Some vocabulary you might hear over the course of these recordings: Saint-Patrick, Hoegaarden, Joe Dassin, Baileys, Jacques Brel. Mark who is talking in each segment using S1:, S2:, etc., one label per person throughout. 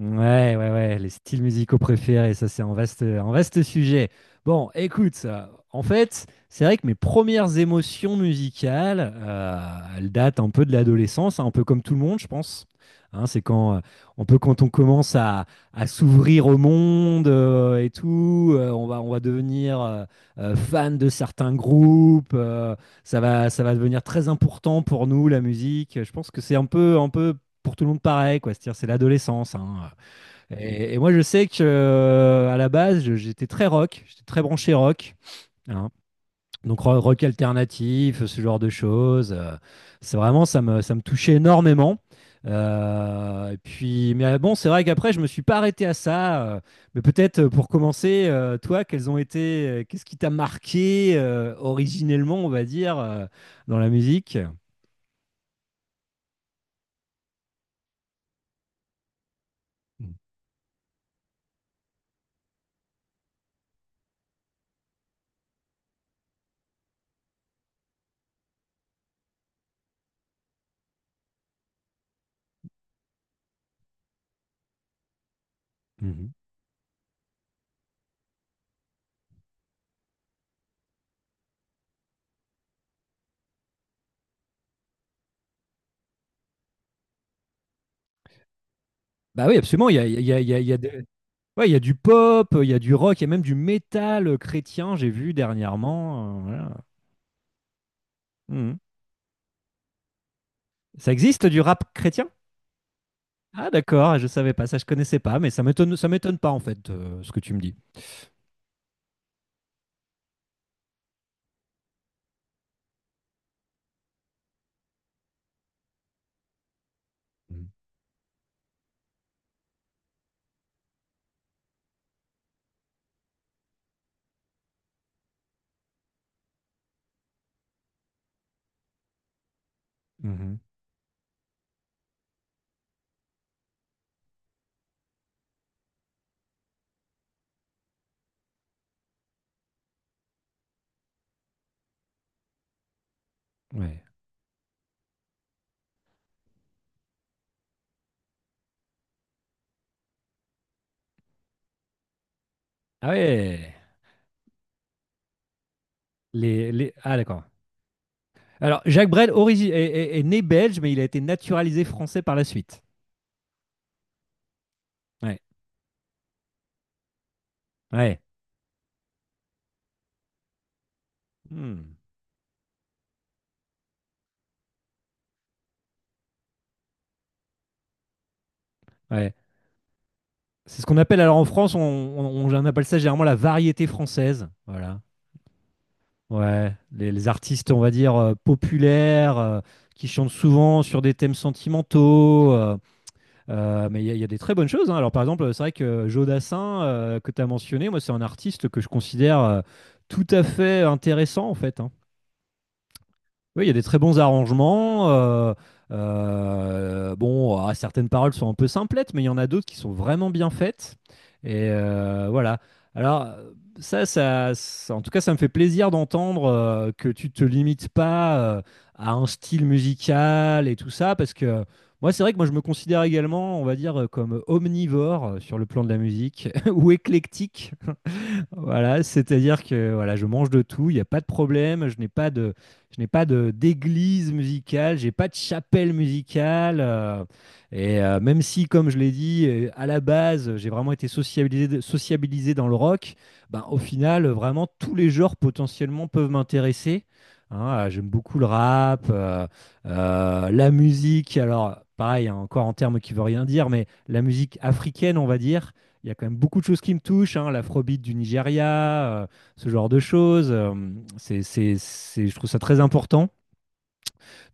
S1: Ouais, ouais, ouais, les styles musicaux préférés, ça c'est un vaste sujet. Bon, écoute, en fait, c'est vrai que mes premières émotions musicales, elles datent un peu de l'adolescence, hein, un peu comme tout le monde, je pense. Hein, c'est quand un peu quand on commence à s'ouvrir au monde et tout, on va devenir fan de certains groupes, ça va devenir très important pour nous, la musique. Je pense que c'est un peu pour tout le monde pareil, quoi. C'est-à-dire, c'est l'adolescence, hein. Et, moi, je sais que à la base, j'étais très rock, j'étais très branché rock, hein. Donc rock alternatif, ce genre de choses. C'est vraiment, ça me touchait énormément. Et puis, mais bon, c'est vrai qu'après, je me suis pas arrêté à ça. Mais peut-être pour commencer, toi, quels ont été, qu'est-ce qui t'a marqué originellement, on va dire, dans la musique? Mhm. Bah oui, absolument. Il y a, il y a- il y a- il y a des- Ouais, il y a du pop, il y a du rock, il y a même du métal chrétien, j'ai vu dernièrement. Voilà. Mhm. Ça existe du rap chrétien? Ah d'accord, je savais pas, ça je connaissais pas, mais ça m'étonne pas en fait, ce que tu me dis. Mhm. Mhm. Ouais. Ah ouais. Les... Ah d'accord. Alors, Jacques est, est né belge, mais il a été naturalisé français par la suite. Ouais. Ouais. Hmm. Ouais. C'est ce qu'on appelle, alors en France, on appelle ça généralement la variété française. Voilà. Ouais, les artistes, on va dire, populaires, qui chantent souvent sur des thèmes sentimentaux. Mais il y a des très bonnes choses, hein. Alors, par exemple, c'est vrai que Joe Dassin, que tu as mentionné, moi, c'est un artiste que je considère tout à fait intéressant, en fait, hein. Oui, il y a des très bons arrangements. Bon, ah, certaines paroles sont un peu simplettes, mais il y en a d'autres qui sont vraiment bien faites. Et voilà. Alors, en tout cas, ça me fait plaisir d'entendre que tu te limites pas à un style musical et tout ça, parce que c'est vrai que moi, je me considère également, on va dire, comme omnivore sur le plan de la musique, ou éclectique. Voilà, c'est-à-dire que voilà, je mange de tout, il n'y a pas de problème, je n'ai pas de d'église musicale, j'ai pas de chapelle musicale. Et même si, comme je l'ai dit, à la base, j'ai vraiment été sociabilisé dans le rock, ben, au final, vraiment, tous les genres potentiellement peuvent m'intéresser, hein. J'aime beaucoup le rap, la musique, alors pareil, hein, encore en termes qui ne veut rien dire, mais la musique africaine, on va dire. Il y a quand même beaucoup de choses qui me touchent, hein, l'afrobeat du Nigeria, ce genre de choses. Je trouve ça très important.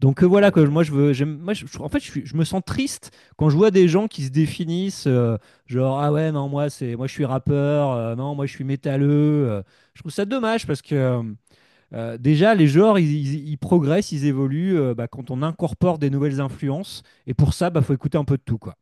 S1: Donc voilà, quoi, moi, je veux, j'aime- moi je- en fait, je, suis- je me sens triste quand je vois des gens qui se définissent, genre, ah ouais, non, moi je suis rappeur, non, moi je suis métalleux. euh. Je trouve ça dommage parce que déjà, les genres, ils progressent, ils évoluent bah, quand on incorpore des nouvelles influences. Et pour ça, bah, faut écouter un peu de tout, quoi.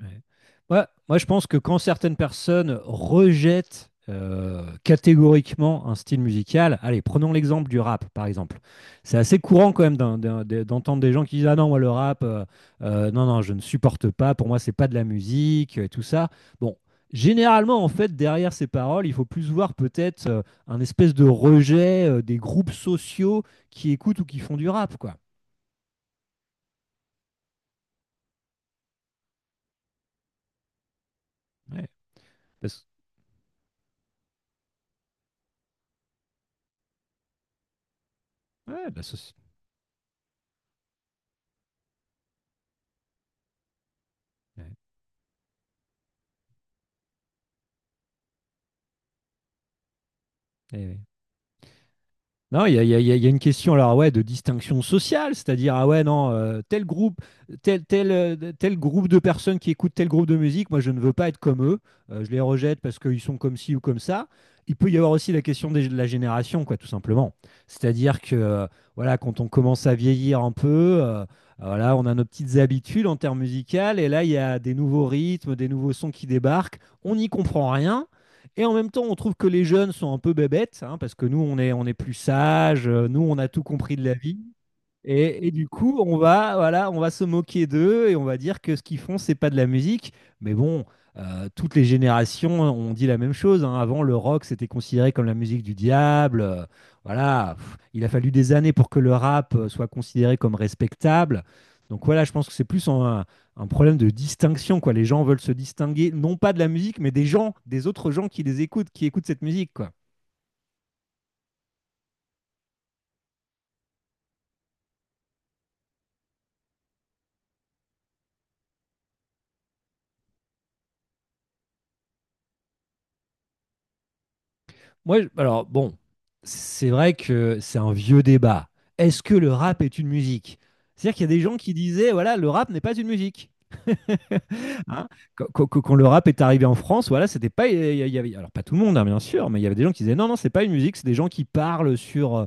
S1: Ouais. Moi, je pense que quand certaines personnes rejettent catégoriquement un style musical, allez, prenons l'exemple du rap, par exemple. C'est assez courant quand même d'entendre des gens qui disent ah non, moi le rap, non, non, je ne supporte pas, pour moi, c'est pas de la musique, et tout ça. Bon, généralement, en fait, derrière ces paroles, il faut plus voir peut-être un espèce de rejet des groupes sociaux qui écoutent ou qui font du rap, quoi. Ouais, parce- ouais, la soci- ouais. Eh oui. Non, il y a, il y a- il y a il y a une question alors ouais de distinction sociale, c'est-à-dire ah ouais non tel groupe, tel groupe de personnes qui écoutent tel groupe de musique, moi je ne veux pas être comme eux, je les rejette parce qu'ils sont comme ci ou comme ça. Il peut y avoir aussi la question de la génération quoi tout simplement, c'est-à-dire que voilà quand on commence à vieillir un peu, voilà on a nos petites habitudes en termes musicales et là il y a des nouveaux rythmes, des nouveaux sons qui débarquent, on n'y comprend rien. Et en même temps, on trouve que les jeunes sont un peu bébêtes, hein, parce que nous, on est plus sages, nous, on a tout compris de la vie. Et du coup, voilà, on va se moquer d'eux et on va dire que ce qu'ils font, c'est pas de la musique. Mais bon, toutes les générations ont dit la même chose, hein. Avant, le rock, c'était considéré comme la musique du diable. Voilà, pff, il a fallu des années pour que le rap soit considéré comme respectable. Donc voilà, je pense que c'est plus un problème de distinction, quoi. Les gens veulent se distinguer, non pas de la musique, mais des gens, des autres gens qui les écoutent, qui écoutent cette musique, quoi. Alors bon, c'est vrai que c'est un vieux débat. Est-ce que le rap est une musique? C'est-à-dire qu'il y a des gens qui disaient, voilà, le rap n'est pas une musique. Hein. Quand le rap est arrivé en France, voilà, c'était pas, alors pas tout le monde, hein, bien sûr, mais il y avait des gens qui disaient, non, non, c'est pas une musique, c'est des gens qui parlent sur,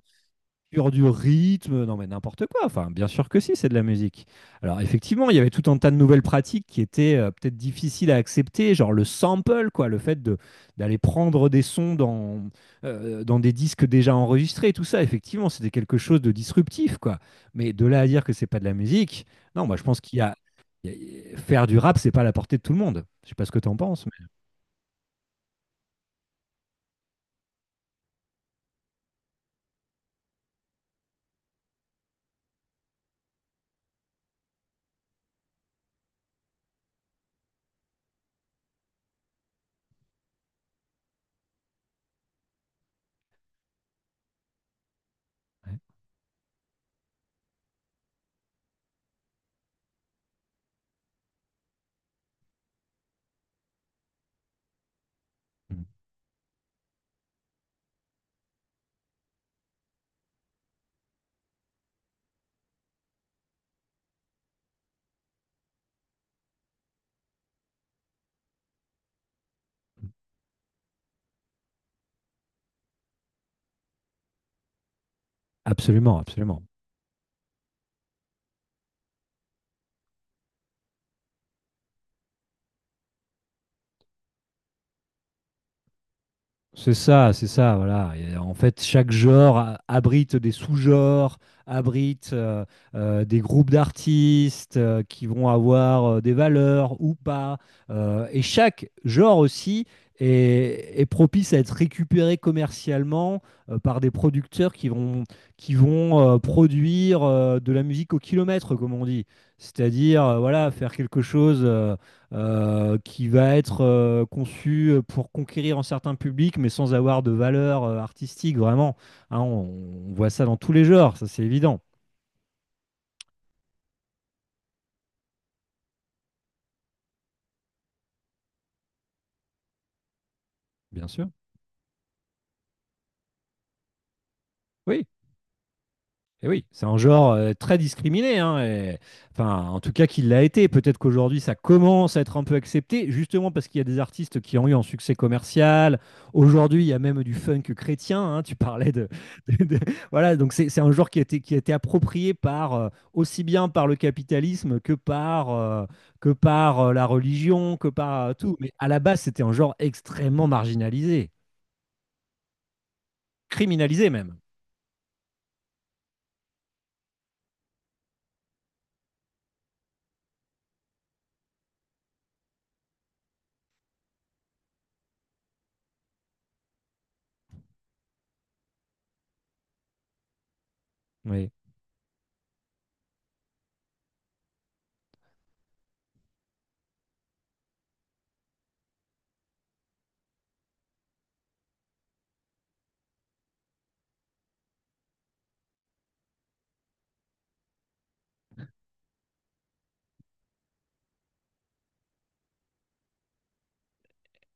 S1: sur du rythme, non mais n'importe quoi. Enfin, bien sûr que si, c'est de la musique. Alors effectivement, il y avait tout un tas de nouvelles pratiques qui étaient peut-être difficiles à accepter, genre le sample, quoi, le fait de d'aller prendre des sons dans dans des disques déjà enregistrés, tout ça. Effectivement, c'était quelque chose de disruptif, quoi. Mais de là à dire que c'est pas de la musique, non, moi je pense qu'il faire du rap, c'est pas à la portée de tout le monde. Je sais pas ce que tu en penses, mais- ouais. Absolument, absolument. C'est ça, voilà. Et en fait, chaque abrite des sous-genres, abrite des groupes d'artistes qui vont avoir des valeurs ou pas. Et chaque genre aussi est propice à être récupéré commercialement par des producteurs qui vont produire de la musique au kilomètre, comme on dit. C'est-à-dire, voilà, faire quelque chose. Qui va être conçu pour conquérir un certain public, mais sans avoir de valeur artistique, vraiment. Hein, on voit ça dans tous les genres, ça c'est évident. Bien sûr. Oui. Et oui, c'est un genre très discriminé, hein, et- enfin, en tout cas qu'il l'a été. Peut-être qu'aujourd'hui ça commence à être un peu accepté, justement parce qu'il y a des artistes qui ont eu un succès commercial. Aujourd'hui, il y a même du funk chrétien, hein, tu parlais de, de- de- voilà, donc c'est un genre qui a été approprié par aussi bien par le capitalisme que par la religion, que par tout. Mais à la base, c'était un genre extrêmement marginalisé, criminalisé même. Oui.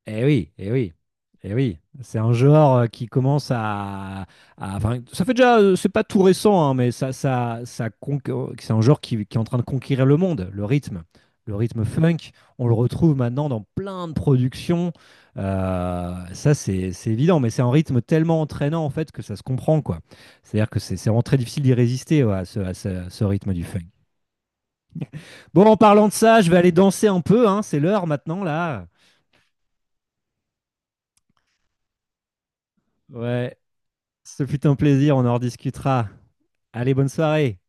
S1: Eh oui, eh oui, eh oui. C'est un genre qui commence à- enfin, ça fait déjà, c'est pas tout récent, hein, mais c'est un genre qui est en train de conquérir le monde, le rythme. Le rythme funk, on le retrouve maintenant dans plein de productions. C'est évident, mais c'est un rythme tellement entraînant, en fait, que ça se comprend, quoi. C'est-à-dire que c'est vraiment très difficile d'y résister, ouais, à ce rythme du funk. Bon, en parlant de ça, je vais aller danser un peu, hein, c'est l'heure maintenant, là. Ouais. Ce fut un plaisir, on en rediscutera. Allez, bonne soirée.